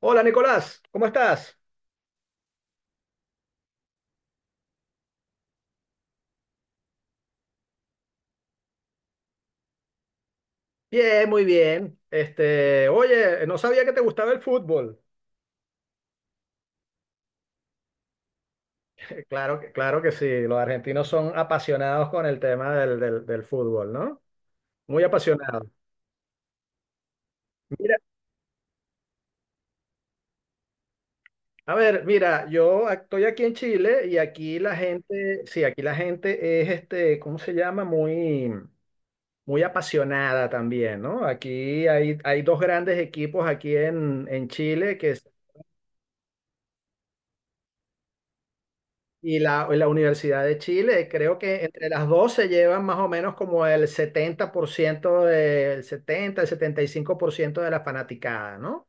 Hola Nicolás, ¿cómo estás? Bien, muy bien. Oye, no sabía que te gustaba el fútbol. Claro que sí, los argentinos son apasionados con el tema del fútbol, ¿no? Muy apasionados. Mira, a ver, estoy aquí en Chile y aquí la gente, sí, aquí la gente es ¿cómo se llama? Muy, muy apasionada también, ¿no? Aquí hay dos grandes equipos aquí en Chile que... Y la Universidad de Chile, creo que entre las dos se llevan más o menos como el 70% del 70 el 75% de la fanaticada, ¿no?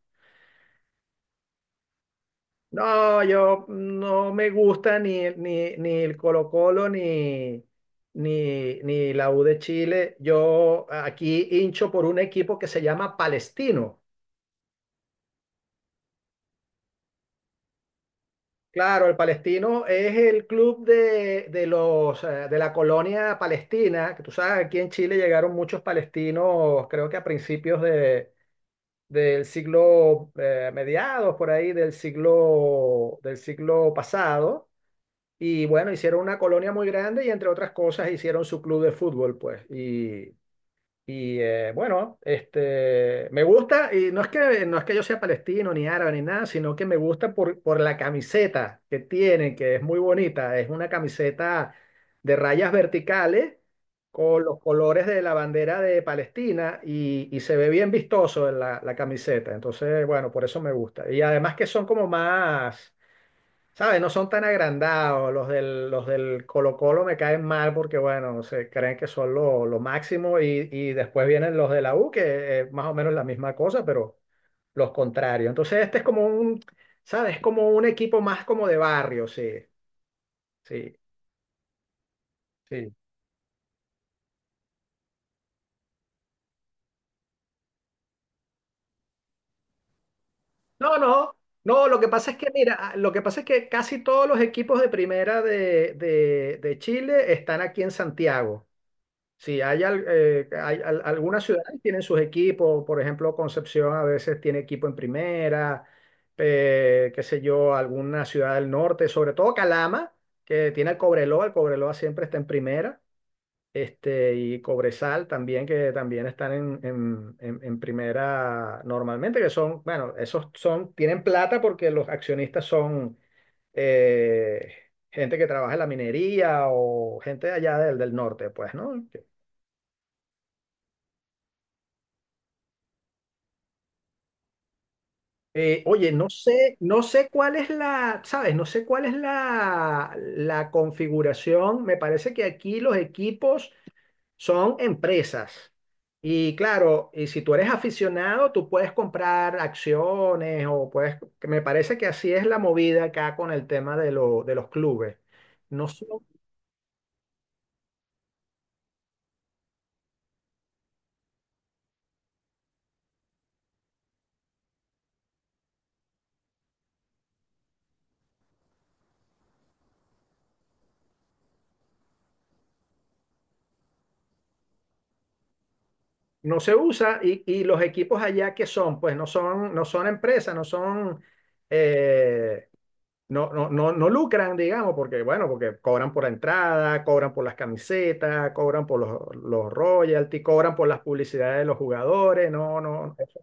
No, yo no me gusta ni el Colo-Colo ni la U de Chile. Yo aquí hincho por un equipo que se llama Palestino. Claro, el Palestino es el club de la colonia palestina, que tú sabes, aquí en Chile llegaron muchos palestinos, creo que a principios del siglo, mediados por ahí del siglo pasado, y bueno, hicieron una colonia muy grande y entre otras cosas hicieron su club de fútbol, pues, y me gusta, y no es que yo sea palestino, ni árabe, ni nada, sino que me gusta por la camiseta que tiene, que es muy bonita. Es una camiseta de rayas verticales con los colores de la bandera de Palestina y se ve bien vistoso en la camiseta. Entonces, bueno, por eso me gusta. Y además que son como más. ¿Sabes? No son tan agrandados. Los del Colo-Colo me caen mal porque, bueno, se creen que son lo máximo y después vienen los de la U, que es más o menos la misma cosa, pero los contrarios. Entonces, este es como un... ¿Sabes? Es como un equipo más como de barrio, sí, sí, sí. No, no, no, lo que pasa es que, mira, lo que pasa es que casi todos los equipos de primera de Chile están aquí en Santiago. Sí, hay algunas ciudades tienen sus equipos, por ejemplo, Concepción a veces tiene equipo en primera, qué sé yo, alguna ciudad del norte, sobre todo Calama, que tiene el Cobreloa siempre está en primera, y Cobresal también, que también están en primera normalmente, que son, bueno, esos son, tienen plata porque los accionistas son eh, gente que trabaja en la minería o gente de allá del norte, pues, ¿no? Oye, no sé cuál es la... ¿Sabes? No sé cuál es la configuración. Me parece que aquí los equipos son empresas. Y claro, y si tú eres aficionado, tú puedes comprar acciones o puedes, que me parece que así es la movida acá con el tema de los clubes. No, no se usa y los equipos allá que son, pues no son empresas, no son... eh, no, no, no, no lucran, digamos, porque, bueno, porque cobran por la entrada, cobran por las camisetas, cobran por los royalties, cobran por las publicidades de los jugadores, no, no,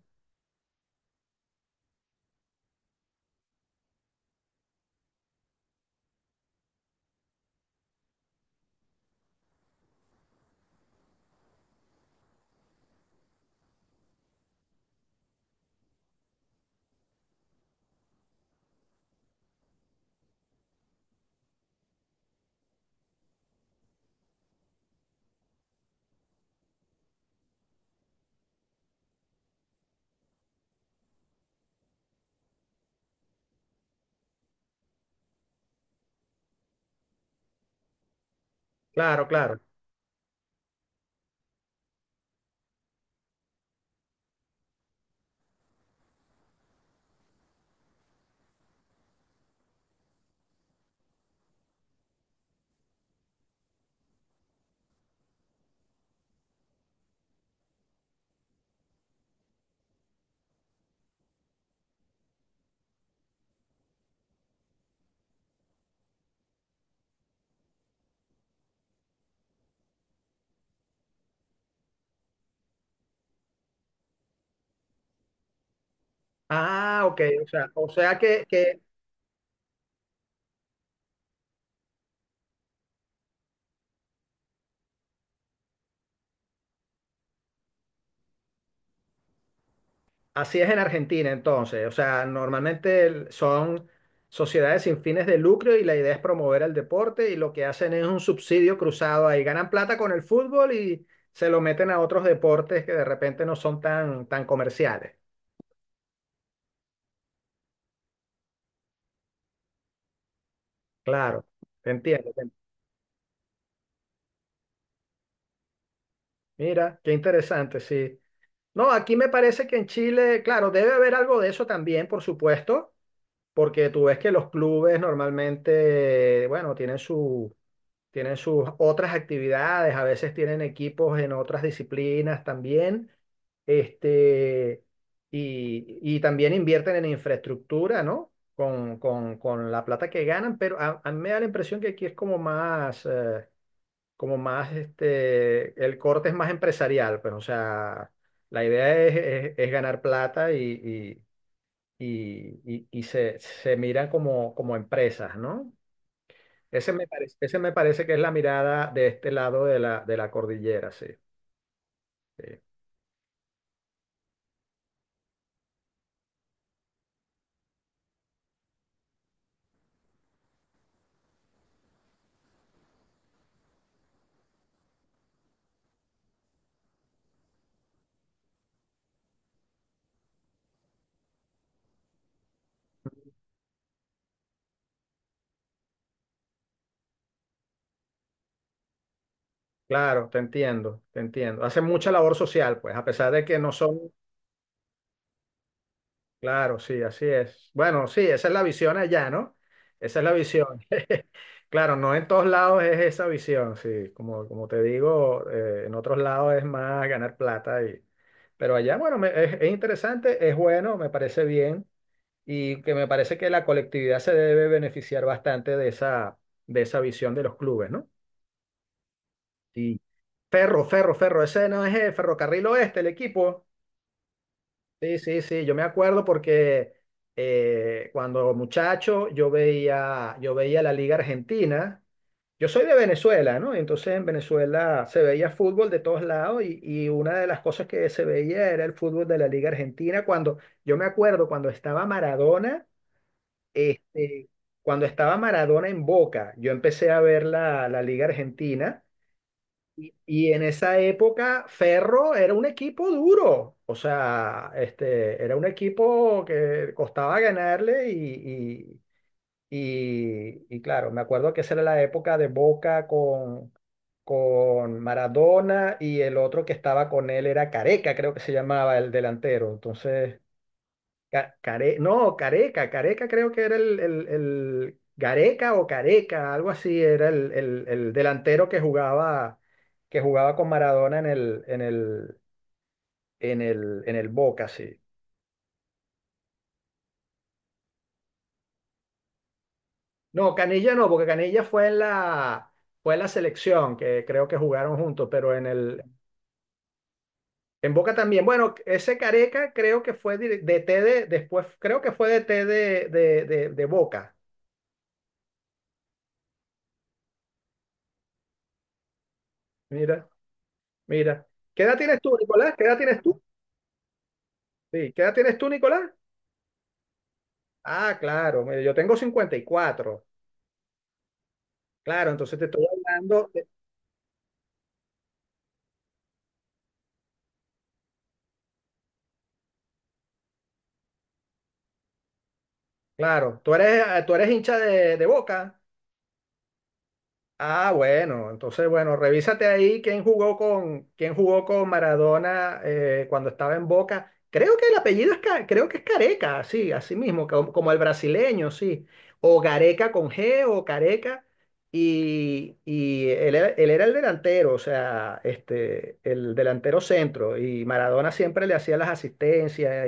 claro, claro. Ah, ok, o sea que así es en Argentina entonces, o sea, normalmente son sociedades sin fines de lucro y la idea es promover el deporte y lo que hacen es un subsidio cruzado ahí, ganan plata con el fútbol y se lo meten a otros deportes que de repente no son tan comerciales. Claro, te entiendo. Mira, qué interesante, sí. No, aquí me parece que en Chile, claro, debe haber algo de eso también, por supuesto, porque tú ves que los clubes normalmente, bueno, tienen sus otras actividades, a veces tienen equipos en otras disciplinas también, este, y también invierten en infraestructura, ¿no? Con la plata que ganan, pero a mí me da la impresión que aquí es como más, el corte es más empresarial, pues, o sea, la idea es, es ganar plata y se miran como empresas, ¿no? Ese me parece que es la mirada de este lado de la cordillera, sí. Sí. Claro, te entiendo, te entiendo. Hacen mucha labor social, pues, a pesar de que no son... Claro, sí, así es. Bueno, sí, esa es la visión allá, ¿no? Esa es la visión. Claro, no en todos lados es esa visión, sí. Como te digo, en otros lados es más ganar plata y... Pero allá, bueno, es interesante, es bueno, me parece bien y que me parece que la colectividad se debe beneficiar bastante de esa visión de los clubes, ¿no? Sí. Ferro, Ferro, Ferro, ese no es el Ferrocarril Oeste, el equipo. Sí, sí, sí, yo me acuerdo porque cuando muchacho yo veía la Liga Argentina. Yo soy de Venezuela, ¿no? Entonces en Venezuela se veía fútbol de todos lados y una de las cosas que se veía era el fútbol de la Liga Argentina. Cuando yo me acuerdo cuando estaba Maradona, este, cuando estaba Maradona en Boca, yo empecé a ver la Liga Argentina y en esa época, Ferro era un equipo duro. O sea, era un equipo que costaba ganarle y claro, me acuerdo que esa era la época de Boca con Maradona y el otro que estaba con él era Careca, creo que se llamaba el delantero. Entonces, no, Careca, Careca creo que era Gareca o Careca, algo así, era el delantero que jugaba, con Maradona en el Boca, sí. No, Canilla no, porque Canilla fue en la selección, que creo que jugaron juntos, pero en Boca también. Bueno, ese Careca creo que fue DT después, creo que fue DT de Boca. Mira, mira. ¿Qué edad tienes tú, Nicolás? ¿Qué edad tienes tú? Sí, ¿qué edad tienes tú, Nicolás? Ah, claro, mira, yo tengo 54. Claro, entonces te estoy hablando. Claro, tú eres hincha de Boca. Ah, bueno, entonces bueno, revísate ahí quién jugó con Maradona cuando estaba en Boca. Creo que el apellido es creo que es Careca, sí, así mismo, como el brasileño, sí. O Gareca con G o Careca. Y él era el delantero, o sea, el delantero centro. Y Maradona siempre le hacía las asistencias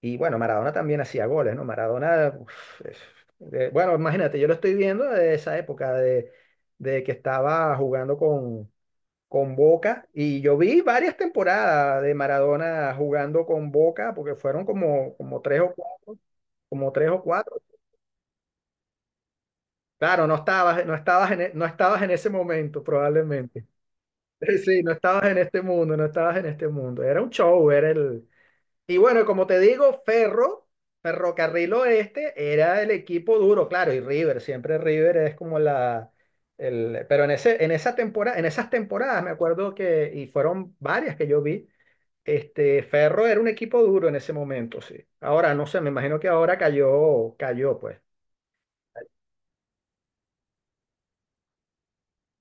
y bueno, Maradona también hacía goles, ¿no? Maradona, uf, bueno, imagínate, yo lo estoy viendo de esa época de que estaba jugando con Boca y yo vi varias temporadas de Maradona jugando con Boca porque fueron como tres o cuatro. Claro, no estabas, no estabas en ese momento probablemente. Sí, no estabas en este mundo, no estabas en este mundo. Era un show, era el... Y bueno, como te digo, Ferro, Ferrocarril Oeste, era el equipo duro, claro, y River, siempre River es como la... Pero en esa temporada, en esas temporadas me acuerdo que, y fueron varias que yo vi, Ferro era un equipo duro en ese momento, sí. Ahora, no sé, me imagino que ahora cayó, cayó, pues,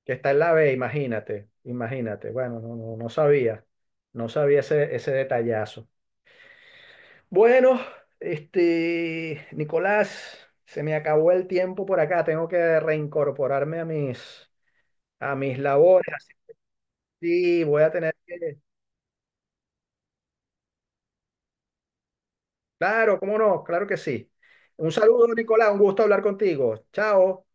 que está en la B, imagínate, imagínate. Bueno, no, no, no sabía ese detallazo. Bueno, Nicolás, se me acabó el tiempo por acá. Tengo que reincorporarme a mis labores, así que sí, voy a tener que... Claro, cómo no, claro que sí. Un saludo, Nicolás, un gusto hablar contigo. Chao.